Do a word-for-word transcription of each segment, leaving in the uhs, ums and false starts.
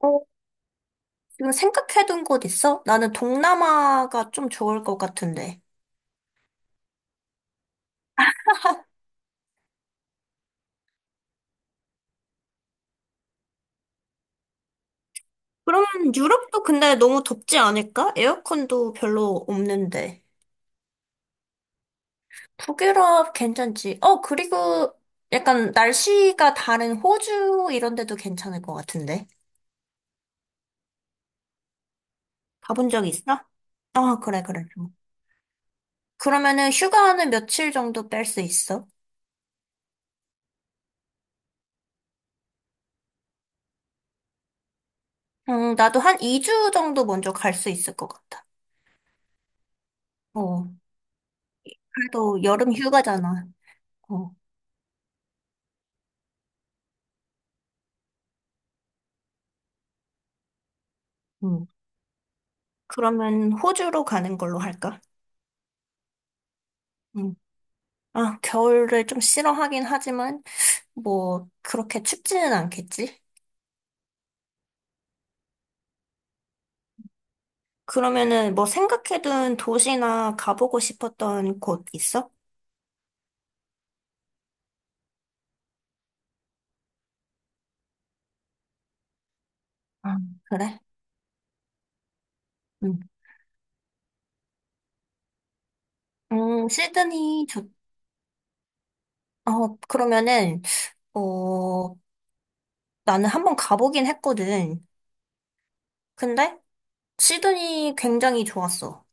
어, 지금 생각해둔 곳 있어? 나는 동남아가 좀 좋을 것 같은데. 그럼 유럽도 근데 너무 덥지 않을까? 에어컨도 별로 없는데. 북유럽 괜찮지? 어, 그리고 약간 날씨가 다른 호주 이런 데도 괜찮을 것 같은데. 가본 적 있어? 아, 그래, 그래. 좀. 그러면은 휴가는 며칠 정도 뺄 수 있어? 음, 나도 한 이 주 정도 먼저 갈 수 있을 것 같아. 어, 그래도 여름 휴가잖아. 어, 음. 그러면 호주로 가는 걸로 할까? 응. 아, 겨울을 좀 싫어하긴 하지만, 뭐, 그렇게 춥지는 않겠지? 그러면은 뭐 생각해둔 도시나 가보고 싶었던 곳 있어? 아, 그래? 응. 음, 시드니 좋. 어, 그러면은, 어, 나는 한번 가보긴 했거든. 근데 시드니 굉장히 좋았어.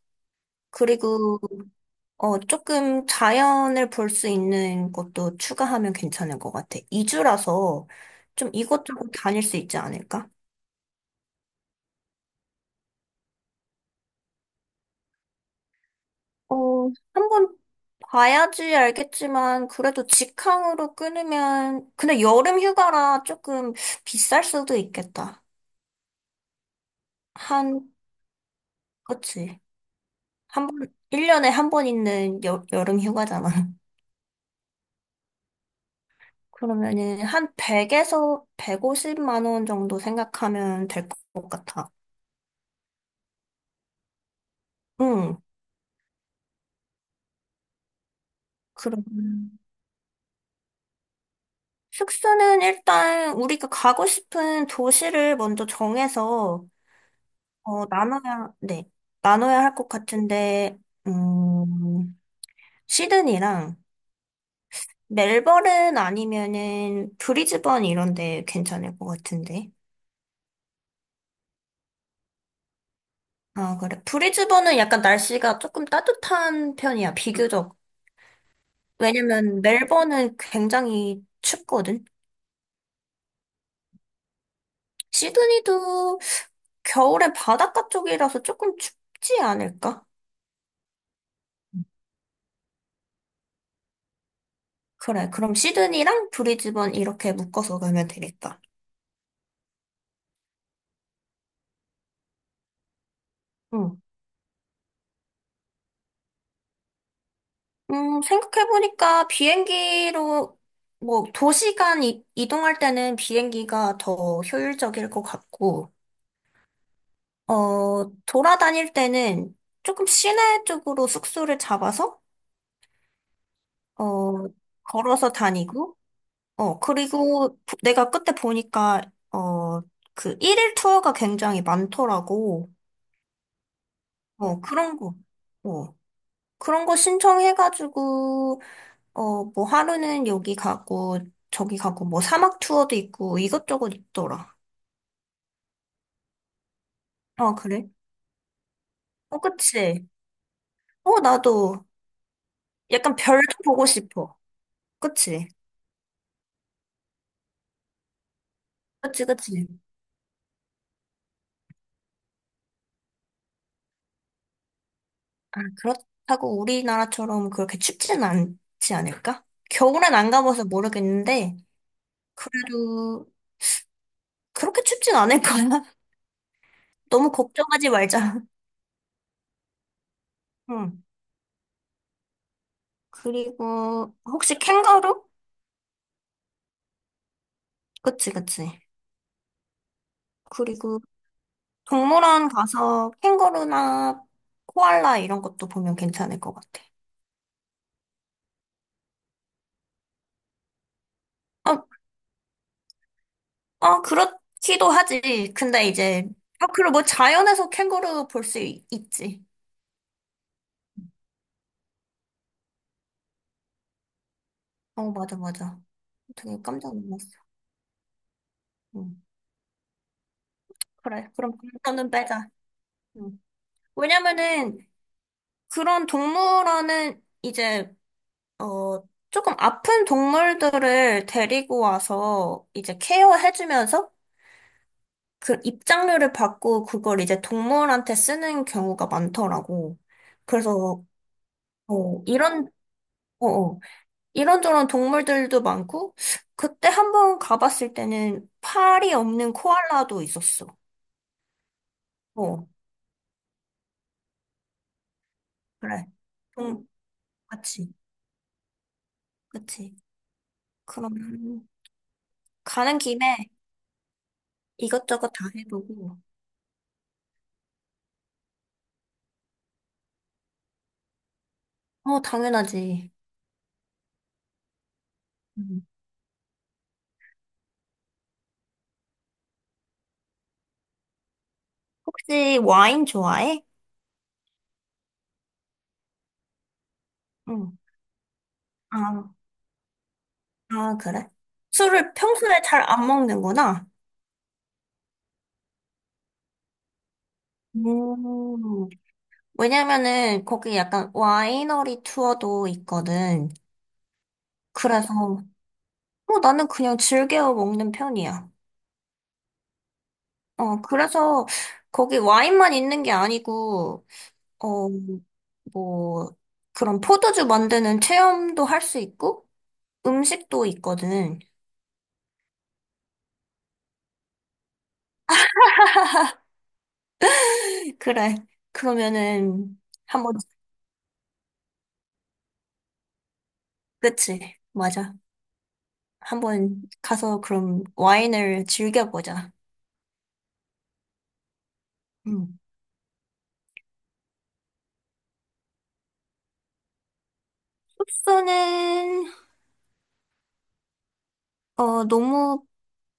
그리고 어, 조금 자연을 볼 수 있는 것도 추가하면 괜찮을 것 같아. 이 주라서 좀 이것저것 다닐 수 있지 않을까? 어, 한번 봐야지 알겠지만, 그래도 직항으로 끊으면, 근데 여름 휴가라 조금 비쌀 수도 있겠다. 한, 그치. 한 번, 일 년에 한 번 있는 여, 여름 휴가잖아. 그러면은 한 백에서 백오십만 원 정도 생각하면 될 것 같아. 응. 그럼. 숙소는 일단 우리가 가고 싶은 도시를 먼저 정해서, 어, 나눠야, 네, 나눠야 할 것 같은데, 음, 시드니랑 멜버른 아니면은 브리즈번 이런 데 괜찮을 것 같은데. 아, 그래. 브리즈번은 약간 날씨가 조금 따뜻한 편이야, 비교적. 왜냐면 멜버른 굉장히 춥거든. 시드니도 겨울엔 바닷가 쪽이라서 조금 춥지 않을까? 그래. 그럼 시드니랑 브리즈번 이렇게 묶어서 가면 되겠다. 응. 음, 생각해보니까 비행기로, 뭐, 도시간 이, 이동할 때는 비행기가 더 효율적일 것 같고, 어, 돌아다닐 때는 조금 시내 쪽으로 숙소를 잡아서, 어, 걸어서 다니고, 어, 그리고 부- 내가 그때 보니까, 어, 그 일 일 투어가 굉장히 많더라고. 어, 그런 거. 어. 그런 거 신청해가지고, 어, 뭐 하루는 여기 가고, 저기 가고, 뭐 사막 투어도 있고, 이것저것 있더라. 아, 그래? 어, 그치? 어, 나도 약간 별도 보고 싶어. 그치? 그치, 그치. 아, 그렇다고 우리나라처럼 그렇게 춥진 않지 않을까? 겨울엔 안 가봐서 모르겠는데, 그래도 그렇게 춥진 않을 거야. 너무 걱정하지 말자. 응. 그리고, 혹시 캥거루? 그치, 그치. 그리고 동물원 가서 캥거루나 코알라 이런 것도 보면 괜찮을 것 같아. 아, 아, 그렇기도 하지. 근데 이제, 아, 그리고 뭐 자연에서 캥거루 볼 수 있지. 어, 맞아, 맞아. 되게 깜짝 놀랐어. 응. 그래, 그럼 그거는 빼자. 응. 왜냐면은 그런 동물원은 이제 어 조금 아픈 동물들을 데리고 와서 이제 케어해주면서 그 입장료를 받고 그걸 이제 동물한테 쓰는 경우가 많더라고. 그래서 어 이런 어 어, 이런저런 동물들도 많고 그때 한번 가봤을 때는 팔이 없는 코알라도 있었어. 어 그래. 동 그치, 그치. 그럼 가는 김에 이것저것 다 해보고. 어 당연하지. 음. 혹시 와인 좋아해? 응. 아, 아 그래? 술을 평소에 잘 안 먹는구나. 음, 왜냐면은 거기 약간 와이너리 투어도 있거든. 그래서 어, 나는 그냥 즐겨 먹는 편이야. 어, 그래서 거기 와인만 있는 게 아니고 어, 뭐 그런 포도주 만드는 체험도 할 수 있고 음식도 있거든. 그래. 그러면은 한번. 그치. 맞아. 한번 가서 그럼 와인을 즐겨보자. 음. 소스는 어, 너무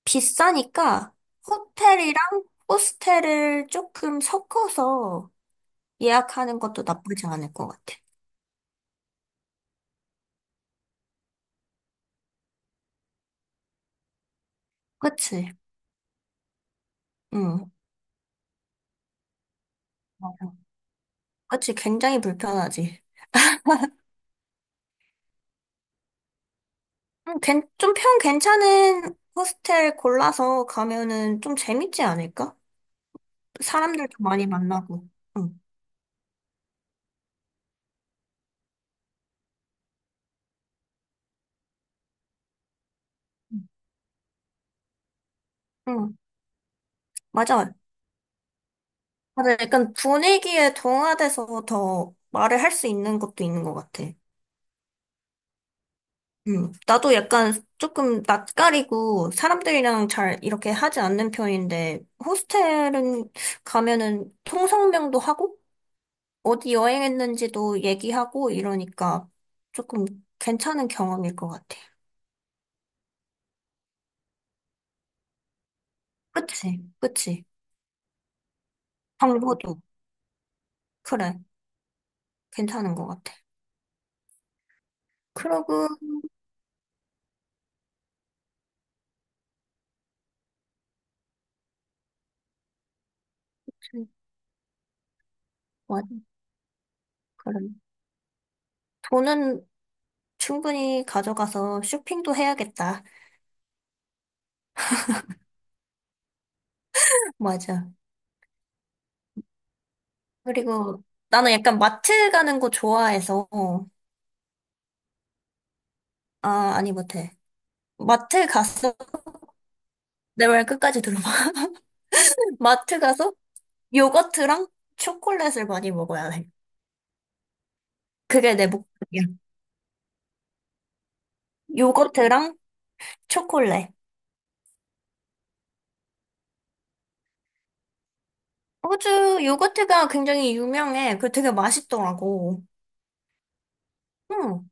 비싸니까 호텔이랑 호스텔을 조금 섞어서 예약하는 것도 나쁘지 않을 것 같아. 그치? 응. 맞아. 그치? 굉장히 불편하지. 음, 괜, 좀 평 괜찮은 호스텔 골라서 가면은 좀 재밌지 않을까? 사람들도 많이 만나고. 응. 응. 응. 맞아. 맞아. 약간 분위기에 동화돼서 더 말을 할 수 있는 것도 있는 것 같아. 음, 나도 약간 조금 낯가리고 사람들이랑 잘 이렇게 하지 않는 편인데, 호스텔은 가면은 통성명도 하고, 어디 여행했는지도 얘기하고 이러니까 조금 괜찮은 경험일 것 같아. 그치? 그치? 정보도. 그래. 괜찮은 것 같아. 그러고, 맞아. 그래. 돈은 충분히 가져가서 쇼핑도 해야겠다. 맞아. 그리고 나는 약간 마트 가는 거 좋아해서, 아, 아니, 못해. 마트 가서, 내 말 끝까지 들어봐. 마트 가서 요거트랑 초콜릿을 많이 먹어야 해. 그게 내 목표야. 요거트랑 초콜릿. 호주 요거트가 굉장히 유명해. 그 되게 맛있더라고. 응.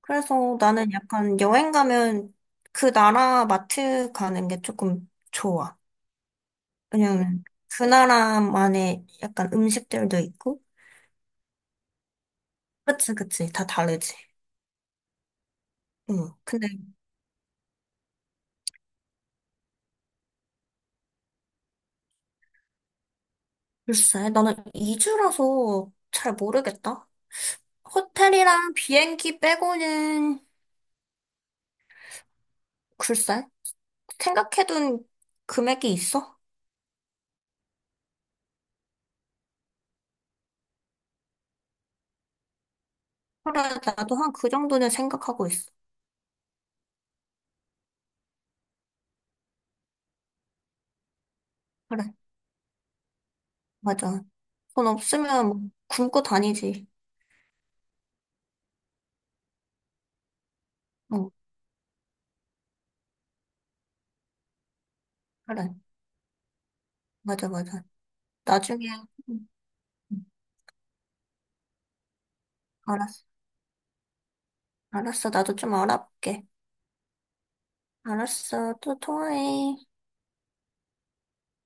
그래서 나는 약간 여행 가면 그 나라 마트 가는 게 조금 좋아. 왜냐면 그 나라만의 약간 음식들도 있고. 그치, 그치. 다 다르지. 응. 근데 글쎄, 나는 이주라서 잘 모르겠다. 호텔이랑 비행기 빼고는 글쎄, 생각해둔 금액이 있어? 그래, 나도 한 그 정도는 생각하고 있어. 그래, 맞아. 돈 없으면 뭐 굶고 다니지. 응, 그래, 맞아, 맞아. 나중에, 응, 응, 알았어. 알았어, 나도 좀 알아볼게. 알았어, 또 통화해.